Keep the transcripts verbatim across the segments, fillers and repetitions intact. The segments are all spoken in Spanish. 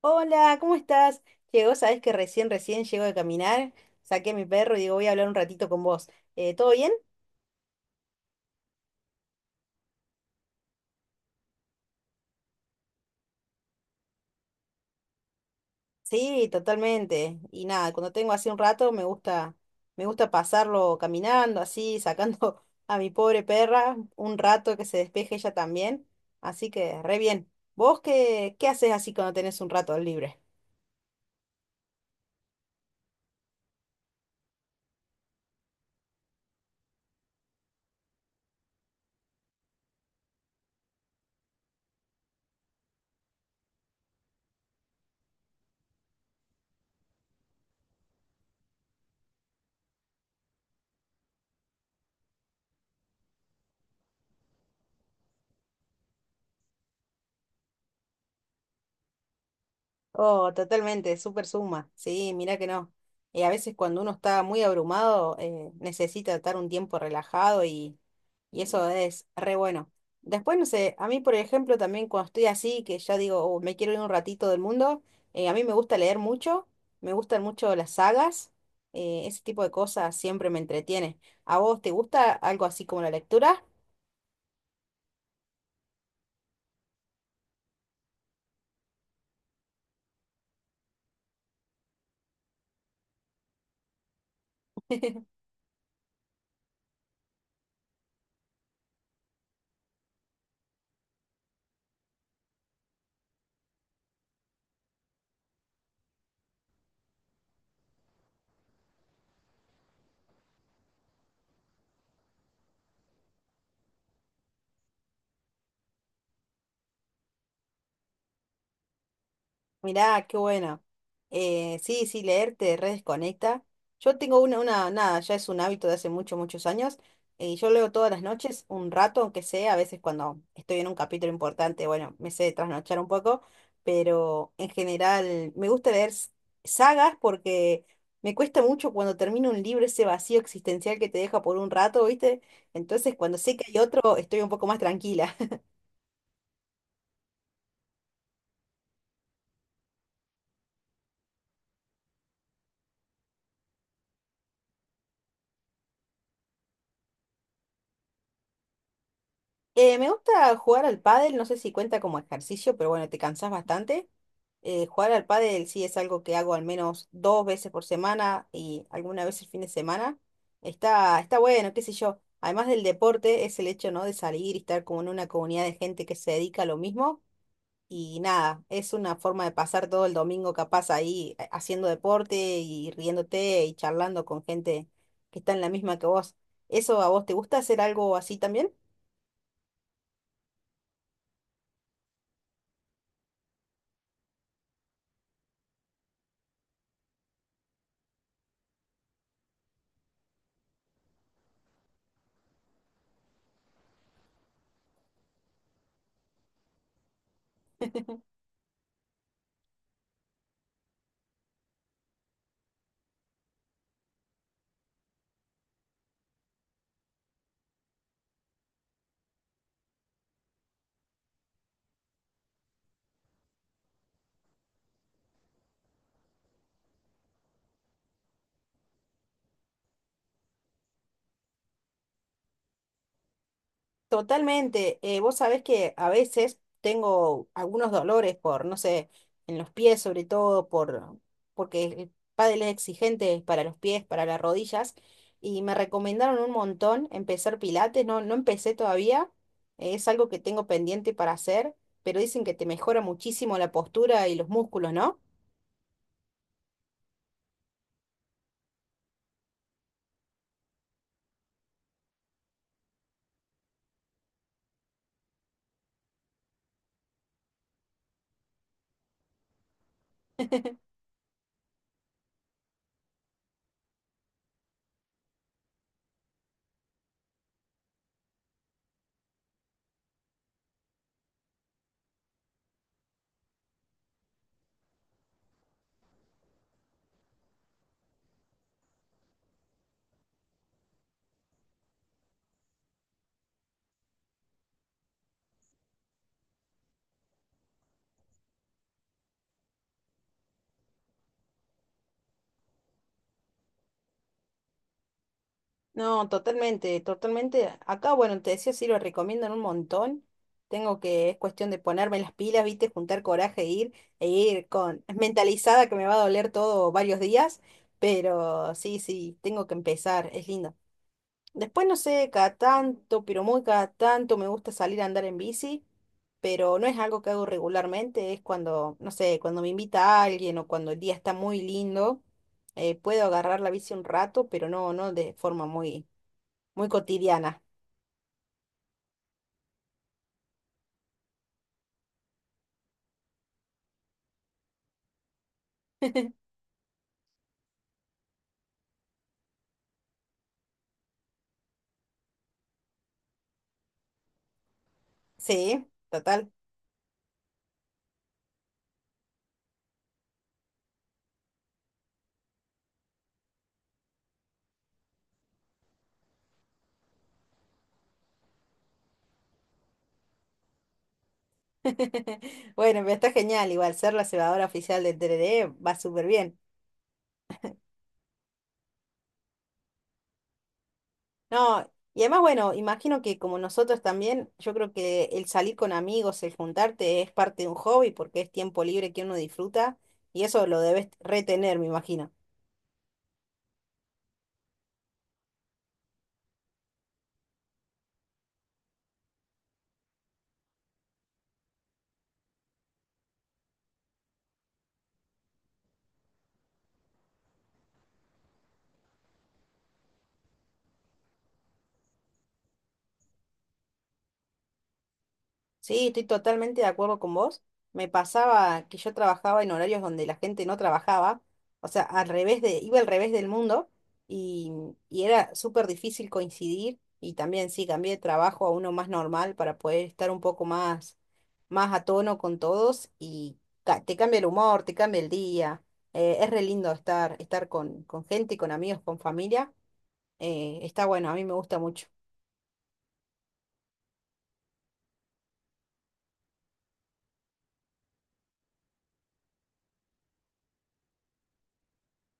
Hola, ¿cómo estás? Llegó, sabes que recién, recién llego de caminar, saqué a mi perro y digo, voy a hablar un ratito con vos. Eh, ¿todo bien? Sí, totalmente. Y nada, cuando tengo así un rato me gusta, me gusta pasarlo caminando, así, sacando a mi pobre perra un rato que se despeje ella también. Así que, re bien. ¿Vos qué, qué haces así cuando tenés un rato libre? Oh, totalmente, súper suma. Sí, mira que no. Eh, a veces cuando uno está muy abrumado, eh, necesita estar un tiempo relajado y, y eso es re bueno. Después, no sé, a mí, por ejemplo, también cuando estoy así, que ya digo, "Oh, me quiero ir un ratito del mundo, eh, a mí me gusta leer mucho, me gustan mucho las sagas, eh, ese tipo de cosas siempre me entretiene. ¿A vos te gusta algo así como la lectura? Mirá, qué buena. Eh, sí, sí, leer te redesconecta. Yo tengo una, una, nada, ya es un hábito de hace muchos, muchos años. Y yo leo todas las noches, un rato, aunque sea, a veces cuando estoy en un capítulo importante, bueno, me sé trasnochar un poco, pero en general me gusta leer s- sagas porque me cuesta mucho cuando termino un libro ese vacío existencial que te deja por un rato, ¿viste? Entonces, cuando sé que hay otro, estoy un poco más tranquila. Eh, me gusta jugar al pádel, no sé si cuenta como ejercicio, pero bueno, te cansás bastante. Eh, jugar al pádel sí es algo que hago al menos dos veces por semana y alguna vez el fin de semana. Está, está bueno, qué sé yo. Además del deporte, es el hecho, ¿no? De salir y estar como en una comunidad de gente que se dedica a lo mismo. Y nada, es una forma de pasar todo el domingo capaz ahí eh, haciendo deporte y riéndote y charlando con gente que está en la misma que vos. ¿Eso a vos te gusta hacer algo así también? Totalmente. Eh, vos sabés que a veces tengo algunos dolores por, no sé, en los pies sobre todo, por, porque el pádel es exigente para los pies, para las rodillas, y me recomendaron un montón empezar pilates, no, no empecé todavía, eh, es algo que tengo pendiente para hacer, pero dicen que te mejora muchísimo la postura y los músculos, ¿no? No, totalmente, totalmente. Acá, bueno, te decía, sí, lo recomiendan un montón. Tengo que, es cuestión de ponerme las pilas, viste, juntar coraje e ir, e ir con mentalizada que me va a doler todo varios días, pero sí, sí, tengo que empezar, es lindo. Después, no sé, cada tanto, pero muy cada tanto me gusta salir a andar en bici, pero no es algo que hago regularmente, es cuando, no sé, cuando me invita alguien o cuando el día está muy lindo, eh, puedo agarrar la bici un rato, pero no, no de forma muy muy cotidiana. Sí, total. Bueno, pero está genial. Igual ser la cebadora oficial del T R D va súper bien. No, y además, bueno, imagino que como nosotros también, yo creo que el salir con amigos, el juntarte es parte de un hobby porque es tiempo libre que uno disfruta y eso lo debes retener, me imagino. Sí, estoy totalmente de acuerdo con vos. Me pasaba que yo trabajaba en horarios donde la gente no trabajaba, o sea, al revés de, iba al revés del mundo y, y era súper difícil coincidir y también sí, cambié de trabajo a uno más normal para poder estar un poco más, más a tono con todos y ca- te cambia el humor, te cambia el día. eh, es re lindo estar, estar con, con gente, con amigos, con familia. eh, está bueno, a mí me gusta mucho.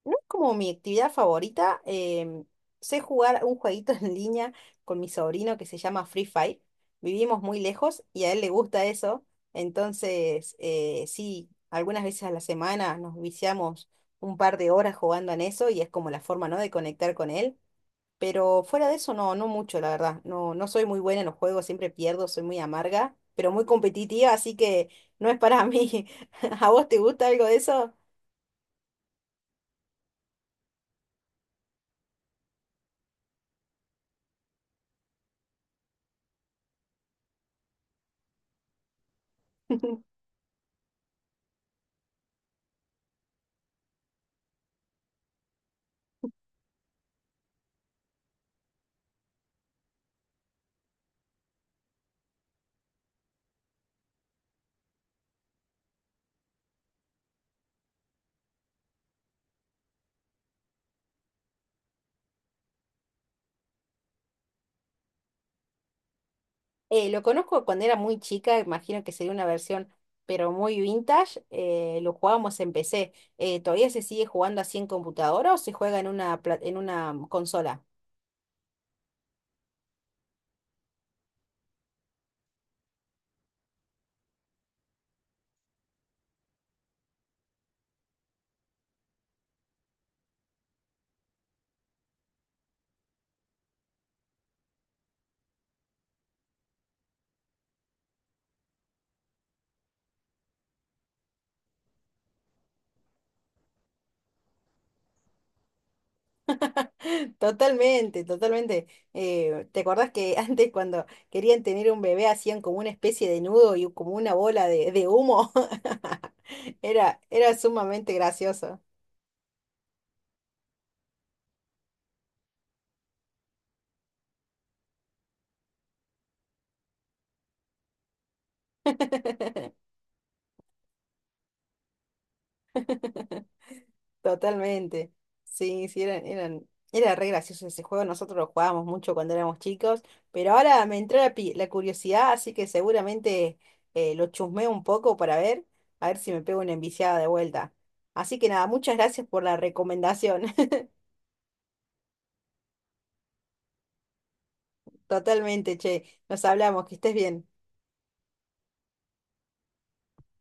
No es como mi actividad favorita. Em, sé jugar un jueguito en línea con mi sobrino que se llama Free Fire. Vivimos muy lejos y a él le gusta eso. Entonces, eh, sí, algunas veces a la semana nos viciamos un par de horas jugando en eso y es como la forma, ¿no? De conectar con él. Pero fuera de eso, no, no mucho, la verdad. No, no soy muy buena en los juegos, siempre pierdo, soy muy amarga, pero muy competitiva, así que no es para mí. ¿A vos te gusta algo de eso? Eh, lo conozco cuando era muy chica, imagino que sería una versión, pero muy vintage. Eh, lo jugábamos en P C. Eh, ¿todavía se sigue jugando así en computadora o se juega en una, pla- en una consola? Totalmente, totalmente. Eh, ¿te acordás que antes cuando querían tener un bebé hacían como una especie de nudo y como una bola de, de humo? Era, era sumamente gracioso. Totalmente. Sí, sí, eran, eran, era re gracioso ese juego. Nosotros lo jugábamos mucho cuando éramos chicos, pero ahora me entró la, pi- la curiosidad, así que seguramente eh, lo chusmeo un poco para ver, a ver si me pego una enviciada de vuelta. Así que nada, muchas gracias por la recomendación. Totalmente, che. Nos hablamos, que estés bien.